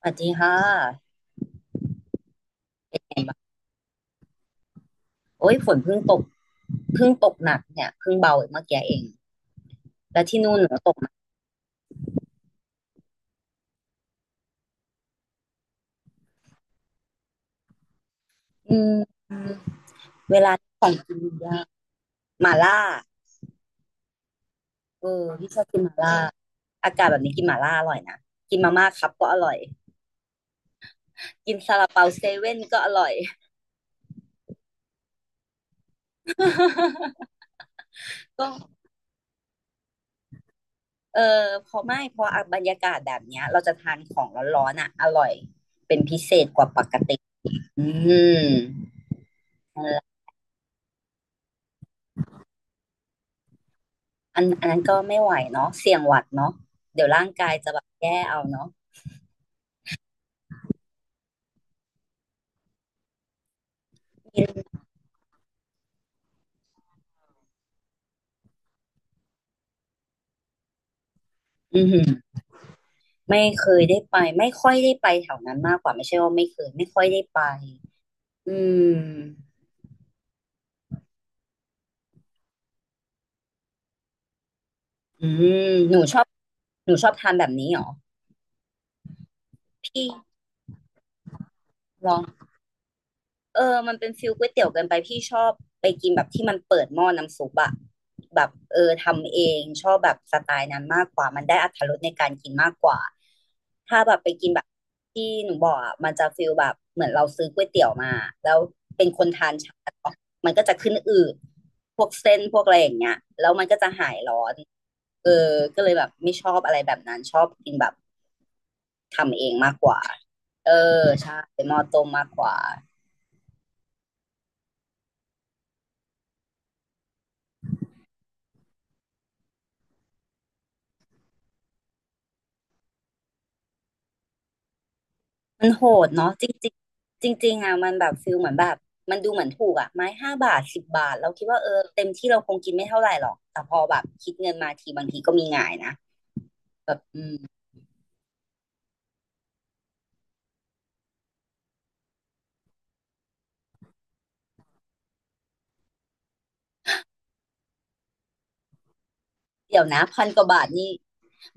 สวัสดีค่ะเป็นไงบ้างโอ้ยฝนเพิ่งตกเพิ่งตกหนักเนี่ยเพิ่งเบาเมื่อกี้เองแล้วที่นู่นหนูตกไหมอืมเวลาของกินยากหม่าล่าเออพี่ชอบกินหม่าล่าอากาศแบบนี้กินหม่าล่าอร่อยนะกินมาม่าครับก็อร่อยกินซาลาเปาเซเว่นก็อร่อย ก็เออพอไม่พออ่ะบรรยากาศแบบเนี้ยเราจะทานของร้อนๆอ่ะอร่อยเป็นพิเศษกว่าปกติอืม อันนั้นก็ไม่ไหวเนาะเสี่ยงหวัดเนาะเดี๋ยวร่างกายจะแบบแย่เอาเนาะอืมอือหือไม่เคยได้ไปไม่ค่อยได้ไปแถวนั้นมากกว่าไม่ใช่ว่าไม่เคยไม่ค่อยได้ไปอืมอืมหนูชอบหนูชอบทานแบบนี้เหรอพี่ลอง เออมันเป็นฟิลก๋วยเตี๋ยวเกินไปพี่ชอบไปกินแบบที่มันเปิดหม้อน้ำซุปอะแบบเออทำเองชอบแบบสไตล์นั้นมากกว่ามันได้อรรถรสในการกินมากกว่าถ้าแบบไปกินแบบที่หนูบอกอะมันจะฟิลแบบเหมือนเราซื้อก๋วยเตี๋ยวมาแล้วเป็นคนทานช้าเนอะมันก็จะขึ้นอืดพวกเส้นพวกอะไรอย่างเงี้ยแล้วมันก็จะหายร้อนเออก็เลยแบบไม่ชอบอะไรแบบนั้นชอบกินแบบทำเองมากกว่าเออใช่หม้อต้มมากกว่า มันโหดเนาะจริงจริงจริงจริงๆอ่ะมันแบบฟิลเหมือนแบบมันดูเหมือนถูกอ่ะไม้ห้าบาทสิบบาทเราคิดว่าเออเต็มที่เราคงกินไม่เท่าไหร่หรอกแต่พอแบบคิดเงินมาทีบางทีก็มีหงายนะแบบอืมเดี๋ยวนะพันกว่าบาทนี่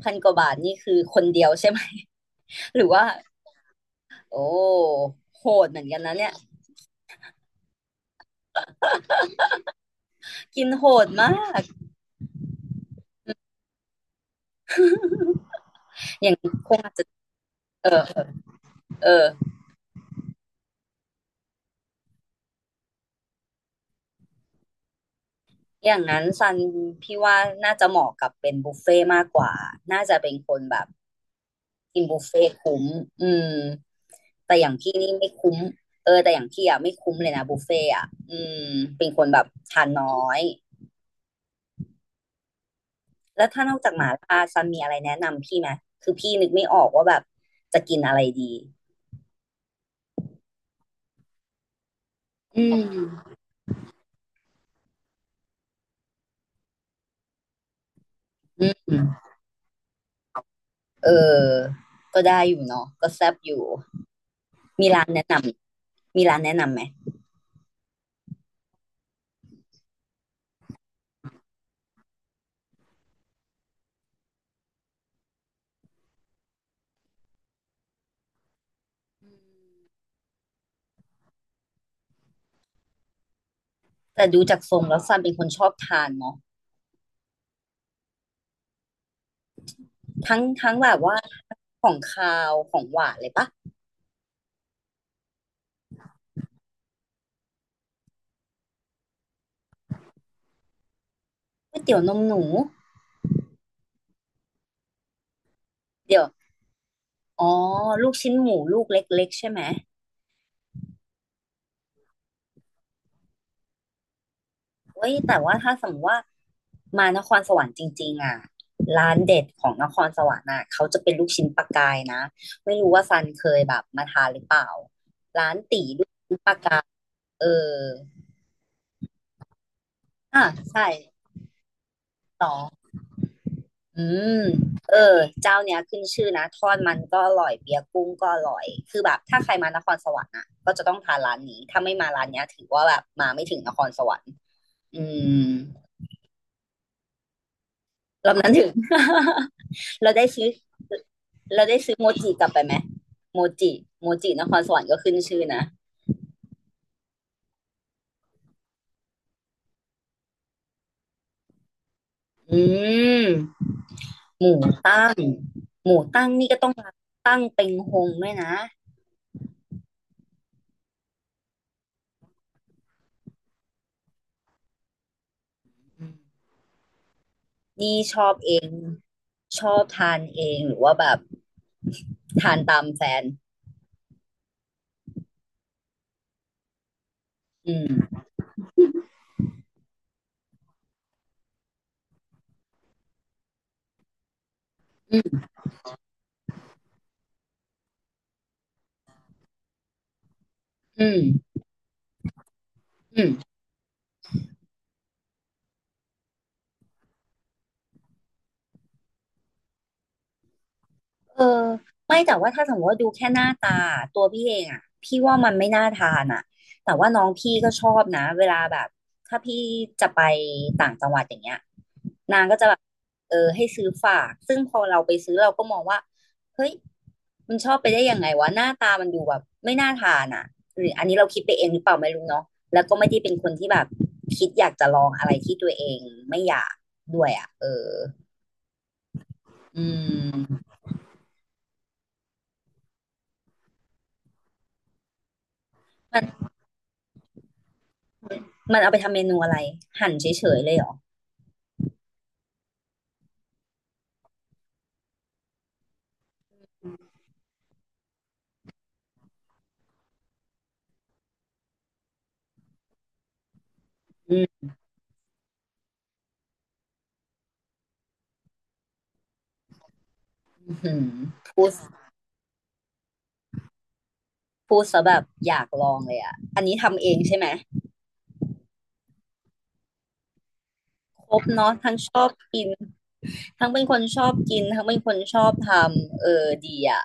พันกว่าบาทนี่คือคนเดียวใช่ไหม หรือว่าโอ้โหดเหมือนกันนะเนี่ยกินโหดมากอย่างคงอาจจะเออเออเอออย่างนั้นซันพี่ว่าน่าจะเหมาะกับเป็นบุฟเฟ่ต์มากกว่าน่าจะเป็นคนแบบ กินบุฟเฟ่ต์คุ้มอืมแต่อย่างพี่นี่ไม่คุ้มเออแต่อย่างพี่อ่ะไม่คุ้มเลยนะบุฟเฟ่ต์อ่ะอืมเป็นคนแบบทานน้อย แล้วถ้านอกจากหมาล่าซันมีอะไรแนะนำพี่ไหมคือพี่นึกไม่ออกว่าแบบจะกินอะไรดีอืมอืมเออก็ได้อยู่เนาะก็แซ่บอยู่ มีร้านแนะนำมีร้านแนะนำไหมแต่ดูจากทรงแล้วซันเป็นคนชอบทานเนาะทั้งทั้งแบบว่าของคาวของหวานเลยปะก๋วยเตี๋ยวนมหนูเดี๋ยว อ๋อลูกชิ้นหมูลูกเล็กๆใช่ไหมเว้ย แต่ว่าถ้าสมมติว่ามานครสวรรค์จริงๆอ่ะร้านเด็ดของนครสวรรค์อ่ะ เขาจะเป็นลูกชิ้นปลากายนะ ไม่รู้ว่าซันเคยแบบมาทานหรือเปล่า ร้านตีลูกชิ้นปลากายเอออ่ะใช่ต่ออืมเออเจ้าเนี้ยขึ้นชื่อนะทอดมันก็อร่อย เบียร์กุ้งก็อร่อย คือแบบถ้าใครมานครสวรรค์อ่ะก็จะต้องทานร้านนี้ถ้าไม่มาร้านเนี้ยถือว่าแบบมาไม่ถึงนครสวรรค์อืม รอบนั้นถึง เราได้ซื้อ เราได้ซื้อโมจิกลับไปไหม โมจิโมจินครสวรรค์ก็ขึ้นชื่อนะ อืม หมูตั้ง หมูตั้งนี่ก็ต้องร้านตั้งเป็งฮงด้วยนะอืมนี่ชอบเอง ชอบทานเองหรือว่าแบบทานตามแฟนอืมอืมอืม เออไม่แต่ว่าถ้าสมมติว่าดูแค่หน้าตาตัวพี่เองอ่ะพี่ว่ามันไม่น่าทานอ่ะแต่ว่าน้องพี่ก็ชอบนะเวลาแบบถ้าพี่จะไปต่างจังหวัดอย่างเงี้ยนางก็จะแบบเออให้ซื้อฝากซึ่งพอเราไปซื้อเราก็มองว่าเฮ้ยมันชอบไปได้ยังไงวะหน้าตามันดูแบบไม่น่าทานอ่ะหรืออันนี้เราคิดไปเองหรือเปล่าไม่รู้เนาะแล้วก็ไม่ได้เป็นคนที่แบบคิดอยากจะลองอะไรที่ตัวเองไม่อยากด้วยอ่ะเอออืม มันเอาไปทำเมนูอะไรหั่นเฉยๆเลยเหรออืมหืมพูดพูดซะแบบอยากลองเลยอ่ะอันนี้ทำเองใช่ไหมครบเนาะทั้งชอบกินทั้งเป็นคนชอบกินทั้งเป็นคนชอบทำเออดีอ่ะ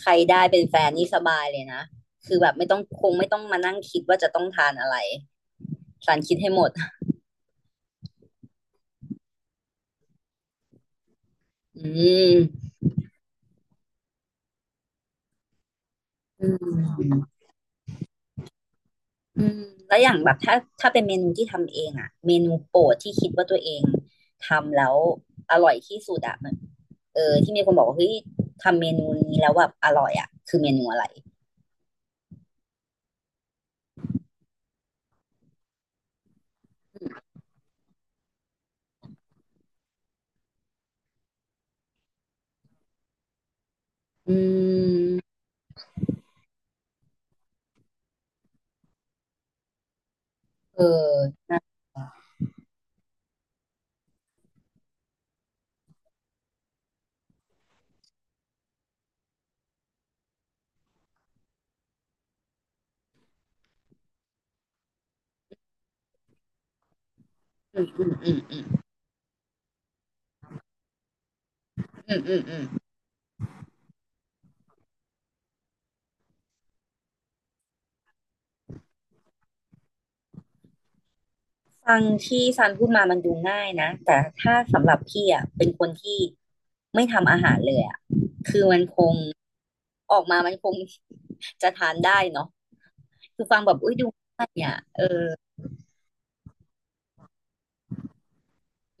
ใครได้เป็นแฟนนี่สบายเลยนะคือแบบไม่ต้องคงไม่ต้องมานั่งคิดว่าจะต้องทานอะไรสารคิดให้หมดอืมอืม อืมแล้วอย่างแบบถ้าเป็นเมนูที่ทำเองอะเมนูโปรดที่คิดว่าตัวเองทำแล้วอร่อยที่สุดอะมันเออที่มีคนบอกว่าเฮ้ยทำเมนูนี้แล้วแบบอร่อยอะคือเมนูอะไรอืมเอออืมอืมอืมอืมอืมอืมอืมฟังที่ซันพูดมามันดูง่ายนะแต่ถ้าสำหรับพี่อ่ะเป็นคนที่ไม่ทำอาหารเลยอ่ะออกมามันคง จะทานได้เนาะคือฟังแบบอุ้ยดูง่ายอ่ะเออ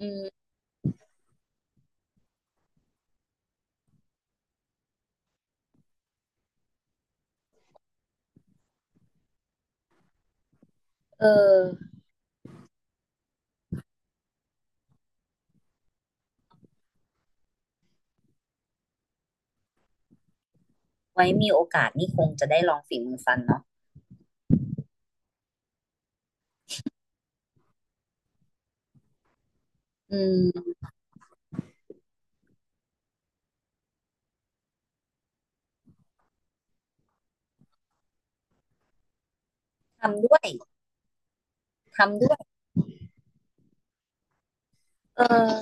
อืมเออ ไว้มีโอกาสนี่คงจะได้ลองฝีมือฟันเนาะอืมทำด้วย ทำด้วยเออ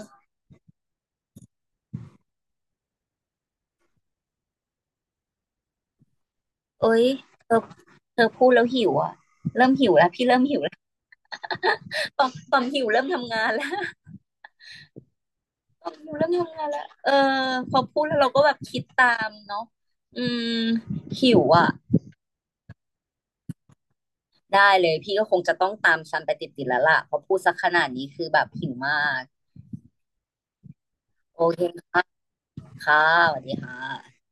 เอ้ยเธอเธอพูดแล้วหิวอ่ะ เริ่มหิวแล้วพี่เริ่มหิวแล้วตอมตอมหิวเริ่มทำงานแล้วตอมหิวเริ่มทำงานแล้วเออพอพูดแล้วเราก็แบบคิดตามเนาะอืมหิวอ่ะได้เลยพี่ก็คงจะต้องตามซันไปติดๆแล้วล่ะเพอพูดสักขนาดนี้คือแบบหิวมากโอเคค่ะค่ะสวัสดีค่ะ